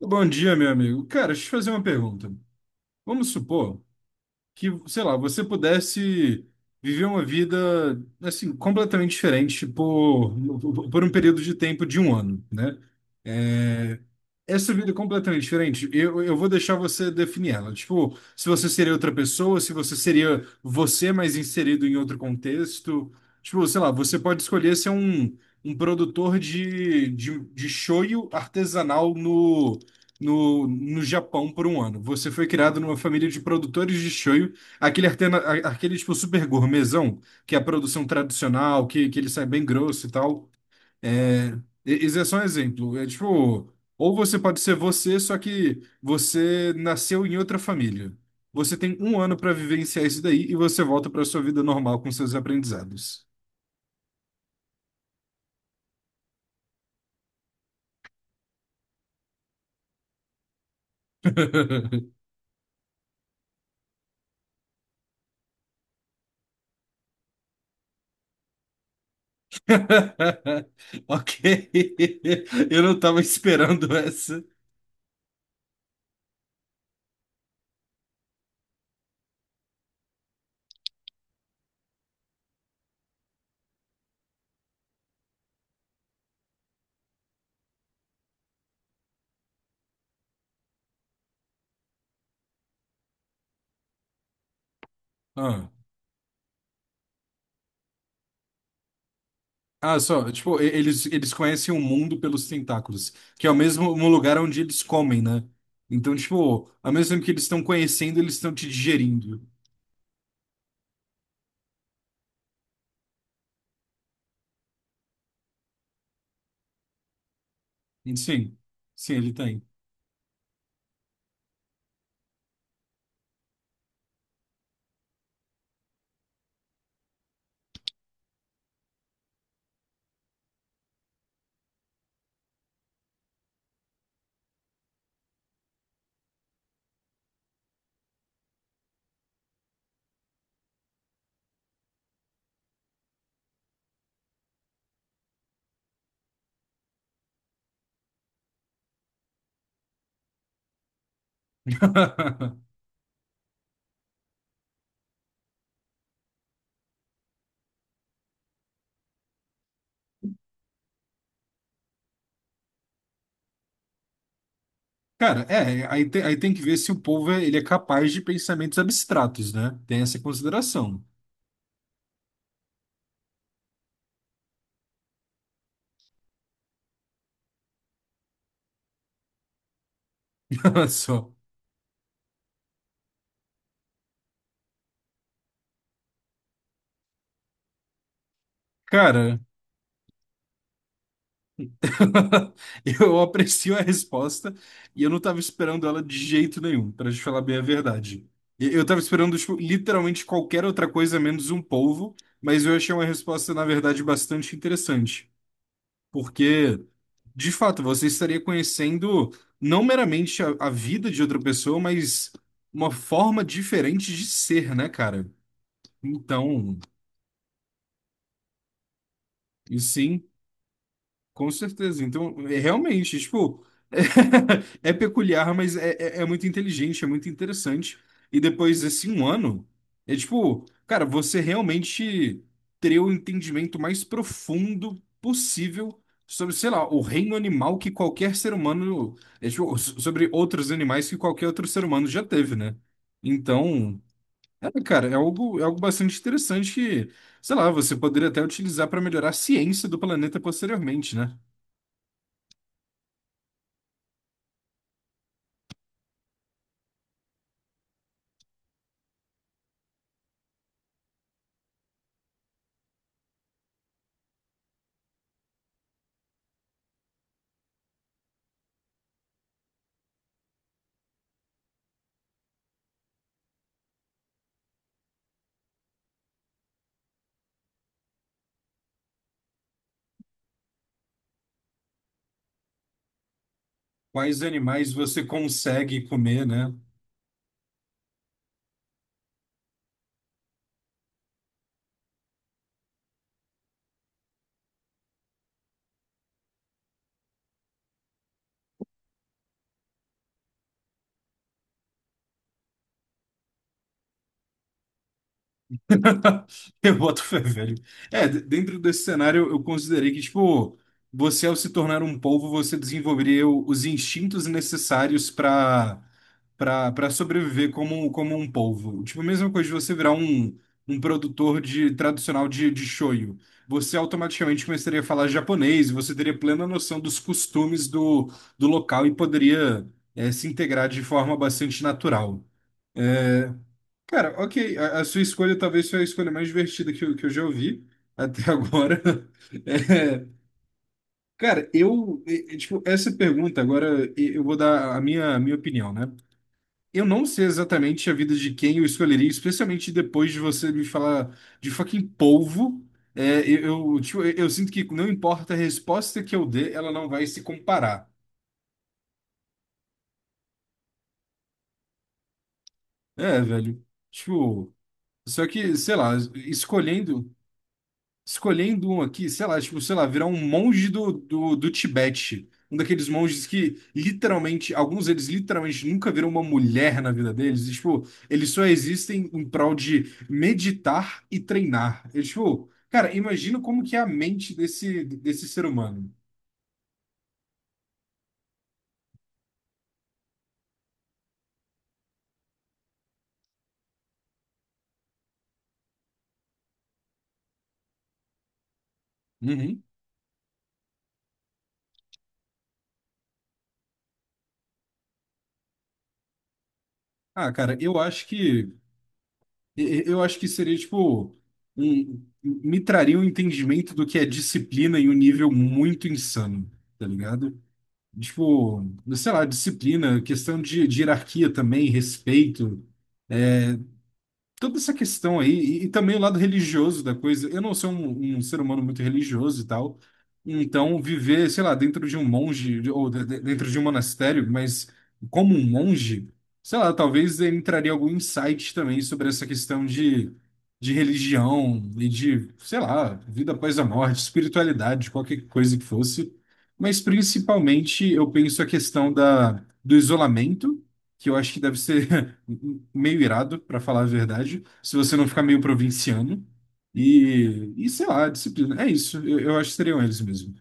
Bom dia, meu amigo. Cara, deixa eu te fazer uma pergunta. Vamos supor que, sei lá, você pudesse viver uma vida, assim, completamente diferente por um período de tempo de um ano, né? É, essa vida é completamente diferente, eu vou deixar você definir ela. Tipo, se você seria outra pessoa, se você seria você, mas inserido em outro contexto. Tipo, sei lá, você pode escolher ser um produtor de shoyu artesanal no Japão por um ano. Você foi criado numa família de produtores de shoyu, aquele tipo super gourmetzão, que é a produção tradicional, que ele sai bem grosso e tal. É, esse é só um exemplo. Tipo, ou você pode ser você, só que você nasceu em outra família. Você tem um ano para vivenciar isso daí e você volta para sua vida normal com seus aprendizados. Ok. Eu não tava esperando essa. Ah. Ah, só, tipo, eles conhecem o mundo pelos tentáculos, que é o mesmo um lugar onde eles comem, né? Então, tipo, ao mesmo tempo que eles estão conhecendo, eles estão te digerindo. Sim, sim, ele tem. Cara, aí tem que ver se o povo é, ele é capaz de pensamentos abstratos, né? Tem essa consideração. Só. Cara. Eu aprecio a resposta e eu não estava esperando ela de jeito nenhum, para te falar bem a verdade. Eu estava esperando, tipo, literalmente qualquer outra coisa menos um polvo, mas eu achei uma resposta, na verdade, bastante interessante. Porque, de fato, você estaria conhecendo não meramente a vida de outra pessoa, mas uma forma diferente de ser, né, cara? Então, e sim. Com certeza. Então, é realmente, tipo, é peculiar, mas é muito inteligente, é muito interessante. E depois desse um ano, é tipo, cara, você realmente teria o entendimento mais profundo possível sobre, sei lá, o reino animal que qualquer ser humano, tipo, sobre outros animais que qualquer outro ser humano já teve, né? Então, cara, é algo bastante interessante que, sei lá, você poderia até utilizar para melhorar a ciência do planeta posteriormente, né? Quais animais você consegue comer, né? Eu boto fé, velho. Dentro desse cenário, eu considerei que, tipo, você ao se tornar um polvo, você desenvolveria os instintos necessários para sobreviver como um polvo. Tipo, a mesma coisa de você virar um produtor de tradicional de shoyu. Você automaticamente começaria a falar japonês, você teria plena noção dos costumes do local e poderia, se integrar de forma bastante natural. É, Cara, ok. A sua escolha talvez foi a escolha mais divertida que eu já ouvi até agora. É, cara, tipo, essa pergunta, agora eu vou dar a minha opinião, né? Eu não sei exatamente a vida de quem eu escolheria, especialmente depois de você me falar de fucking polvo. Tipo, eu sinto que não importa a resposta que eu dê, ela não vai se comparar. É, velho. Tipo, só que, sei lá, escolhendo. Escolhendo um aqui, sei lá, tipo, sei lá, virar um monge do Tibete. Um daqueles monges que literalmente, alguns deles literalmente nunca viram uma mulher na vida deles. E, tipo, eles só existem em prol de meditar e treinar. E, tipo, cara, imagina como que é a mente desse ser humano. Uhum. Ah, cara, eu acho que seria, tipo, me traria um entendimento do que é disciplina em um nível muito insano, tá ligado? Tipo, sei lá, disciplina, questão de hierarquia também, respeito toda essa questão aí, e também o lado religioso da coisa. Eu não sou um ser humano muito religioso e tal, então viver, sei lá, dentro de um monge, ou dentro de um monastério, mas como um monge, sei lá, talvez eu entraria algum insight também sobre essa questão de religião e de, sei lá, vida após a morte, espiritualidade, qualquer coisa que fosse. Mas principalmente eu penso a questão do isolamento, que eu acho que deve ser meio irado, pra falar a verdade, se você não ficar meio provinciano. E sei lá, disciplina. É isso, eu acho que seriam eles mesmo.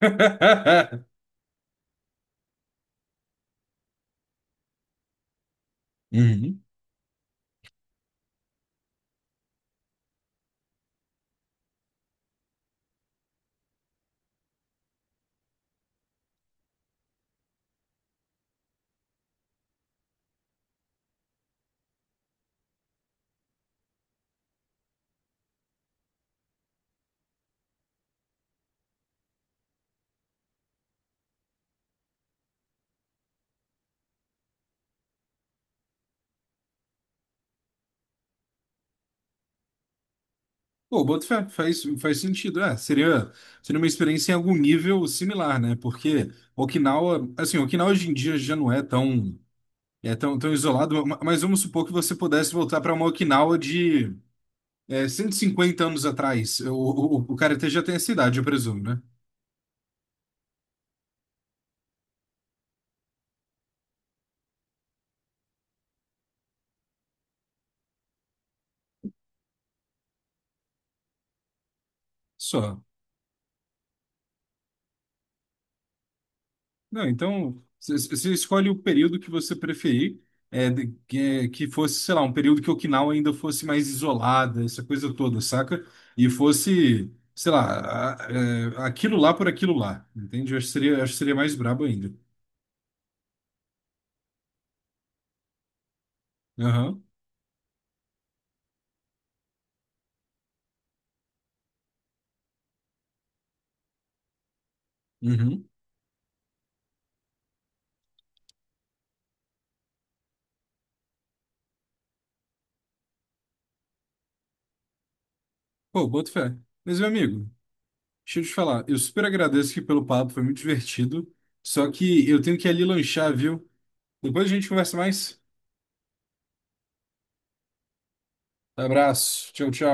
Uhum. Pô, boto fé, faz sentido. É, seria uma experiência em algum nível similar, né? Porque Okinawa, assim, Okinawa hoje em dia já não é tão isolado, mas vamos supor que você pudesse voltar para uma Okinawa de 150 anos atrás. O cara até já tem essa idade, eu presumo, né? Só. Não, então você escolhe o período que você preferir, que fosse, sei lá, um período que Okinawa ainda fosse mais isolada, essa coisa toda, saca? E fosse, sei lá, aquilo lá por aquilo lá, entende? Eu acho que seria mais brabo ainda. Aham, uhum. Pô, boto fé. Mas, meu amigo, deixa eu te falar, eu super agradeço aqui pelo papo, foi muito divertido, só que eu tenho que ir ali lanchar, viu? Depois a gente conversa mais. Abraço, tchau, tchau.